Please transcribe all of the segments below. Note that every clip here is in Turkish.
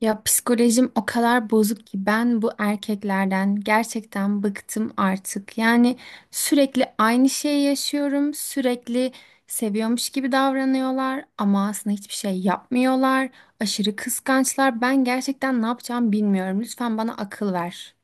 Ya psikolojim o kadar bozuk ki ben bu erkeklerden gerçekten bıktım artık. Yani sürekli aynı şeyi yaşıyorum, sürekli seviyormuş gibi davranıyorlar ama aslında hiçbir şey yapmıyorlar. Aşırı kıskançlar. Ben gerçekten ne yapacağımı bilmiyorum. Lütfen bana akıl ver.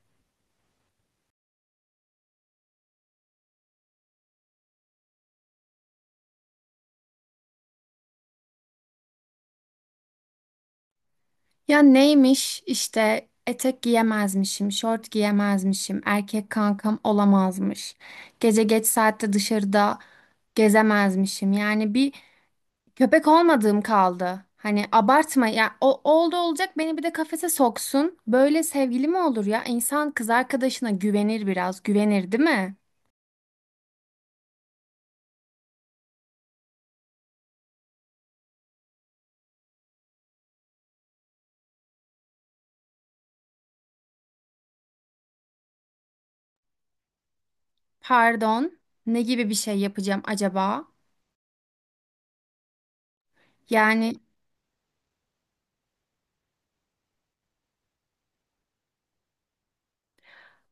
Ya neymiş işte etek giyemezmişim, şort giyemezmişim, erkek kankam olamazmış. Gece geç saatte dışarıda gezemezmişim. Yani bir köpek olmadığım kaldı. Hani abartma ya, o oldu olacak beni bir de kafese soksun. Böyle sevgili mi olur ya? İnsan kız arkadaşına güvenir biraz. Güvenir değil mi? Pardon. Ne gibi bir şey yapacağım acaba? Yani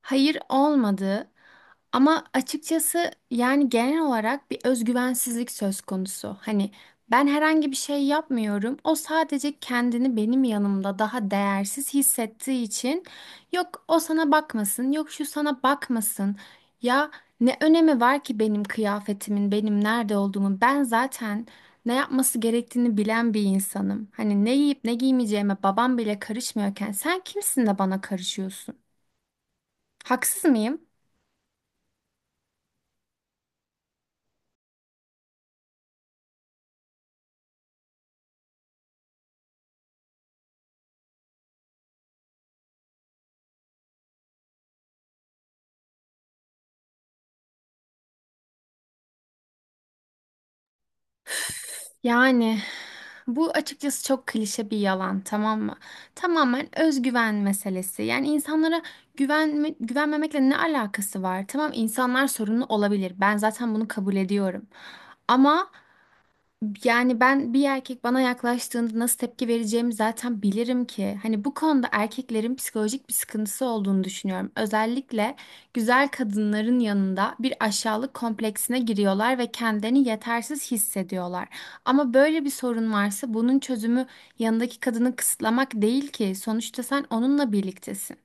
hayır, olmadı ama açıkçası yani genel olarak bir özgüvensizlik söz konusu. Hani ben herhangi bir şey yapmıyorum. O sadece kendini benim yanımda daha değersiz hissettiği için yok o sana bakmasın, yok şu sana bakmasın. Ya ne önemi var ki benim kıyafetimin, benim nerede olduğumun? Ben zaten ne yapması gerektiğini bilen bir insanım. Hani ne yiyip ne giymeyeceğime babam bile karışmıyorken sen kimsin de bana karışıyorsun? Haksız mıyım? Yani bu açıkçası çok klişe bir yalan, tamam mı? Tamamen özgüven meselesi. Yani insanlara güvenme, güvenmemekle ne alakası var? Tamam, insanlar sorunlu olabilir. Ben zaten bunu kabul ediyorum. Ama yani ben, bir erkek bana yaklaştığında nasıl tepki vereceğimi zaten bilirim ki. Hani bu konuda erkeklerin psikolojik bir sıkıntısı olduğunu düşünüyorum. Özellikle güzel kadınların yanında bir aşağılık kompleksine giriyorlar ve kendilerini yetersiz hissediyorlar. Ama böyle bir sorun varsa bunun çözümü yanındaki kadını kısıtlamak değil ki. Sonuçta sen onunla birliktesin.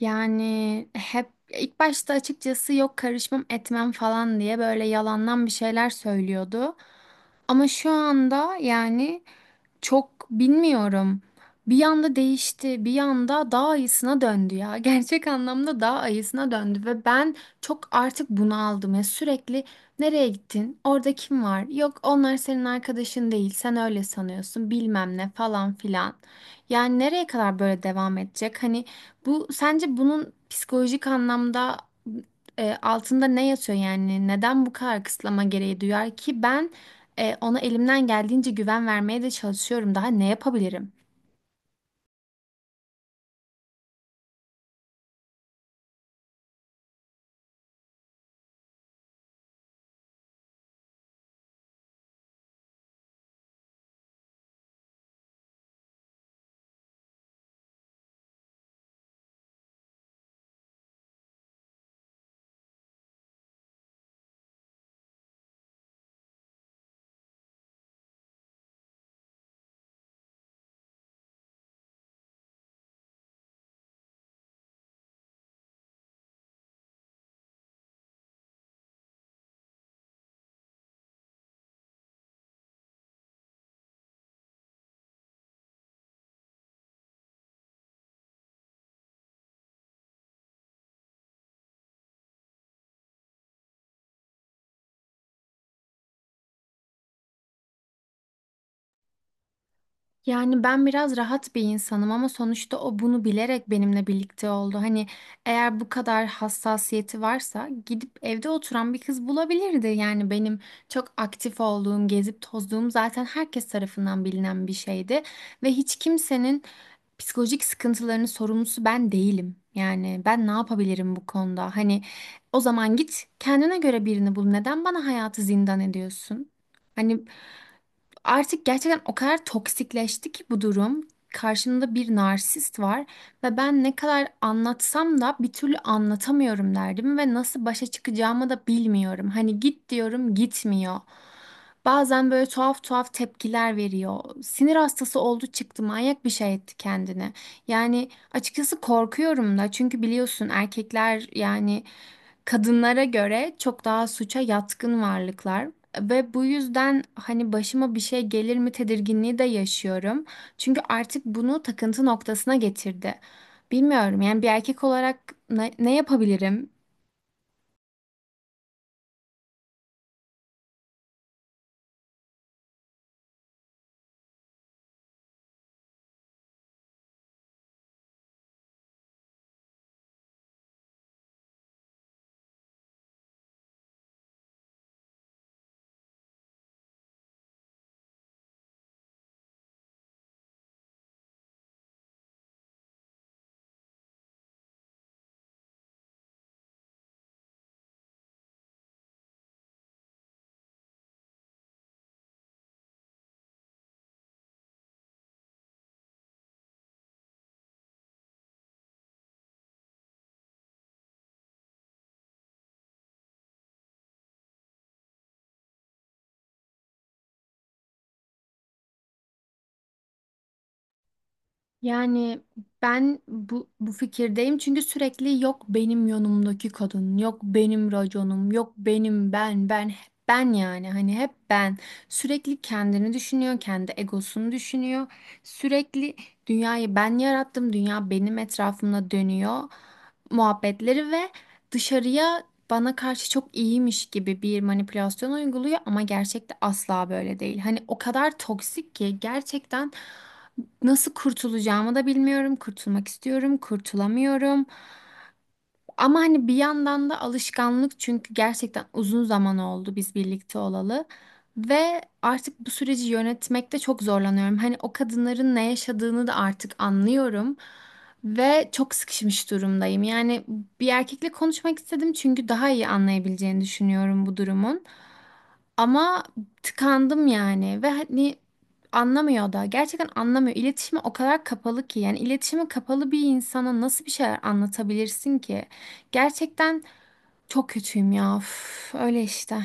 Yani hep ilk başta açıkçası yok karışmam etmem falan diye böyle yalandan bir şeyler söylüyordu. Ama şu anda yani çok bilmiyorum. Bir anda değişti, bir anda daha ayısına döndü ya. Gerçek anlamda daha ayısına döndü ve ben çok artık bunaldım ya. Sürekli nereye gittin? Orada kim var? Yok onlar senin arkadaşın değil. Sen öyle sanıyorsun. Bilmem ne falan filan. Yani nereye kadar böyle devam edecek? Hani bu sence, bunun psikolojik anlamda altında ne yatıyor yani? Neden bu kadar kısıtlama gereği duyar ki? Ben ona elimden geldiğince güven vermeye de çalışıyorum. Daha ne yapabilirim? Yani ben biraz rahat bir insanım ama sonuçta o bunu bilerek benimle birlikte oldu. Hani eğer bu kadar hassasiyeti varsa gidip evde oturan bir kız bulabilirdi. Yani benim çok aktif olduğum, gezip tozduğum zaten herkes tarafından bilinen bir şeydi. Ve hiç kimsenin psikolojik sıkıntılarının sorumlusu ben değilim. Yani ben ne yapabilirim bu konuda? Hani o zaman git kendine göre birini bul. Neden bana hayatı zindan ediyorsun? Hani artık gerçekten o kadar toksikleşti ki bu durum. Karşımda bir narsist var ve ben ne kadar anlatsam da bir türlü anlatamıyorum derdim ve nasıl başa çıkacağımı da bilmiyorum. Hani git diyorum, gitmiyor. Bazen böyle tuhaf tuhaf tepkiler veriyor. Sinir hastası oldu çıktı, manyak bir şey etti kendini. Yani açıkçası korkuyorum da, çünkü biliyorsun erkekler yani kadınlara göre çok daha suça yatkın varlıklar. Ve bu yüzden hani başıma bir şey gelir mi tedirginliği de yaşıyorum. Çünkü artık bunu takıntı noktasına getirdi. Bilmiyorum yani, bir erkek olarak ne yapabilirim? Yani ben bu fikirdeyim çünkü sürekli yok benim yanımdaki kadın, yok benim raconum, yok benim ben, yani hani hep ben. Sürekli kendini düşünüyor, kendi egosunu düşünüyor. Sürekli dünyayı ben yarattım, dünya benim etrafımda dönüyor muhabbetleri ve dışarıya bana karşı çok iyiymiş gibi bir manipülasyon uyguluyor ama gerçekte asla böyle değil. Hani o kadar toksik ki gerçekten nasıl kurtulacağımı da bilmiyorum. Kurtulmak istiyorum, kurtulamıyorum. Ama hani bir yandan da alışkanlık, çünkü gerçekten uzun zaman oldu biz birlikte olalı. Ve artık bu süreci yönetmekte çok zorlanıyorum. Hani o kadınların ne yaşadığını da artık anlıyorum. Ve çok sıkışmış durumdayım. Yani bir erkekle konuşmak istedim çünkü daha iyi anlayabileceğini düşünüyorum bu durumun. Ama tıkandım yani ve hani anlamıyor da, gerçekten anlamıyor. İletişime o kadar kapalı ki, yani iletişime kapalı bir insana nasıl bir şeyler anlatabilirsin ki? Gerçekten çok kötüyüm ya. Üf, öyle işte.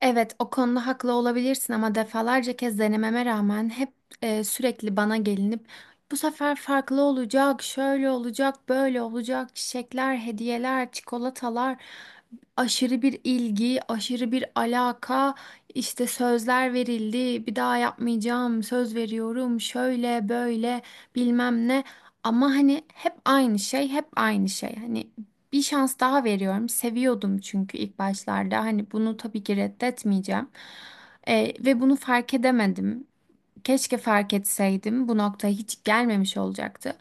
Evet, o konuda haklı olabilirsin ama defalarca kez denememe rağmen hep sürekli bana gelinip bu sefer farklı olacak, şöyle olacak, böyle olacak, çiçekler, hediyeler, çikolatalar, aşırı bir ilgi, aşırı bir alaka, işte sözler verildi, bir daha yapmayacağım, söz veriyorum, şöyle böyle bilmem ne. Ama hani hep aynı şey, hep aynı şey. Hani bir şans daha veriyorum. Seviyordum çünkü ilk başlarda. Hani bunu tabii ki reddetmeyeceğim. Ve bunu fark edemedim. Keşke fark etseydim. Bu noktaya hiç gelmemiş olacaktı.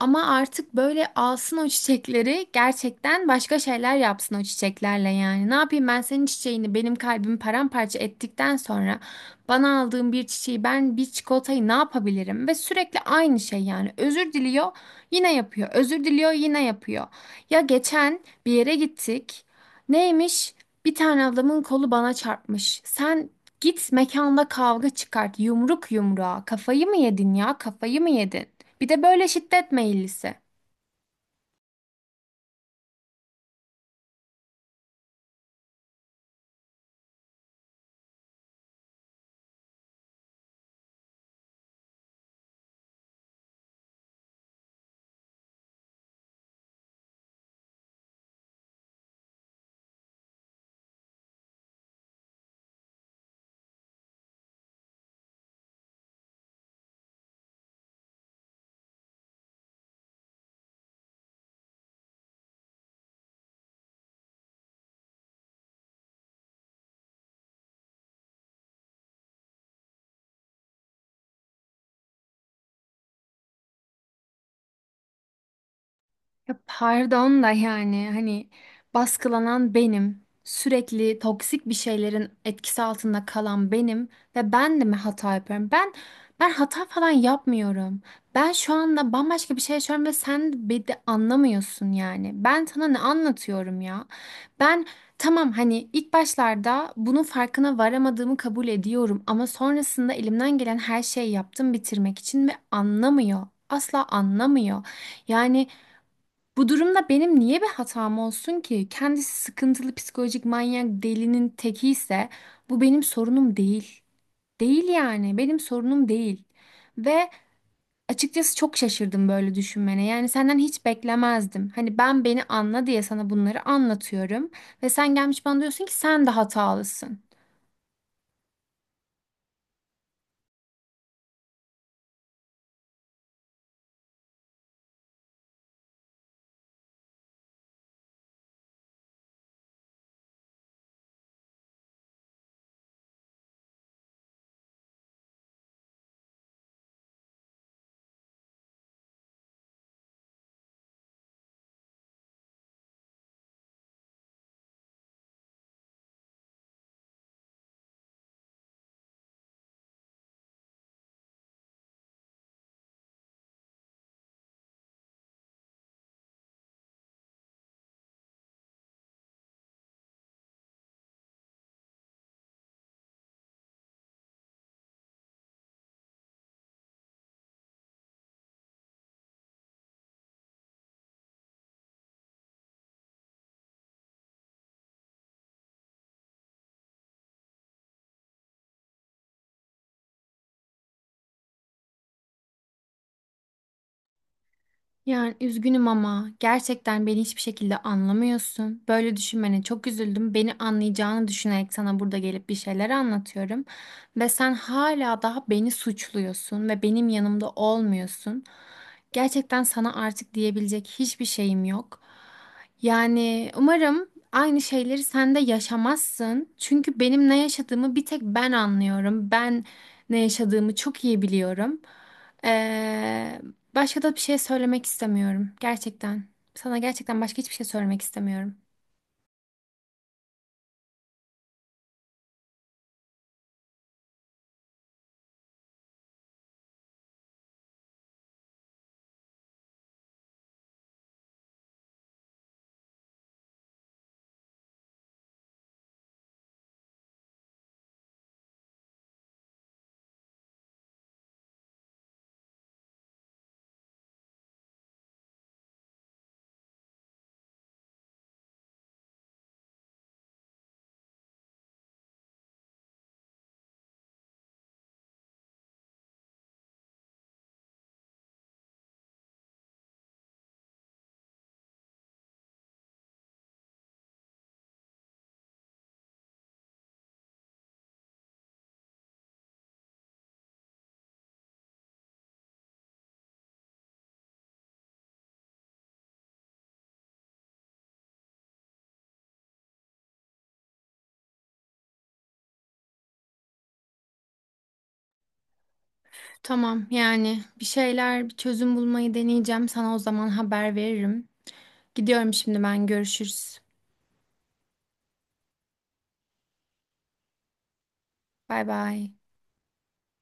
Ama artık böyle alsın o çiçekleri, gerçekten başka şeyler yapsın o çiçeklerle yani. Ne yapayım ben senin çiçeğini, benim kalbimi paramparça ettikten sonra bana aldığın bir çiçeği, ben bir çikolatayı ne yapabilirim? Ve sürekli aynı şey yani. Özür diliyor, yine yapıyor. Özür diliyor, yine yapıyor. Ya geçen bir yere gittik. Neymiş? Bir tane adamın kolu bana çarpmış. Sen git mekanda kavga çıkart. Yumruk yumruğa. Kafayı mı yedin ya? Kafayı mı yedin? Bir de böyle şiddet meyillisi. Ya pardon da yani hani baskılanan benim, sürekli toksik bir şeylerin etkisi altında kalan benim ve ben de mi hata yapıyorum? Ben hata falan yapmıyorum. Ben şu anda bambaşka bir şey yaşıyorum ve sen beni de anlamıyorsun yani. Ben sana ne anlatıyorum ya? Ben tamam, hani ilk başlarda bunun farkına varamadığımı kabul ediyorum ama sonrasında elimden gelen her şeyi yaptım bitirmek için ve anlamıyor. Asla anlamıyor. Yani bu durumda benim niye bir hatam olsun ki? Kendisi sıkıntılı psikolojik manyak delinin teki ise bu benim sorunum değil. Değil yani, benim sorunum değil. Ve açıkçası çok şaşırdım böyle düşünmene. Yani senden hiç beklemezdim. Hani ben beni anla diye sana bunları anlatıyorum. Ve sen gelmiş bana diyorsun ki sen de hatalısın. Yani üzgünüm ama gerçekten beni hiçbir şekilde anlamıyorsun. Böyle düşünmene çok üzüldüm. Beni anlayacağını düşünerek sana burada gelip bir şeyler anlatıyorum. Ve sen hala daha beni suçluyorsun ve benim yanımda olmuyorsun. Gerçekten sana artık diyebilecek hiçbir şeyim yok. Yani umarım aynı şeyleri sen de yaşamazsın. Çünkü benim ne yaşadığımı bir tek ben anlıyorum. Ben ne yaşadığımı çok iyi biliyorum. Ee, Başka da bir şey söylemek istemiyorum. Gerçekten. Sana gerçekten başka hiçbir şey söylemek istemiyorum. Tamam yani, bir şeyler, bir çözüm bulmayı deneyeceğim. Sana o zaman haber veririm. Gidiyorum şimdi ben. Görüşürüz. Bay bay.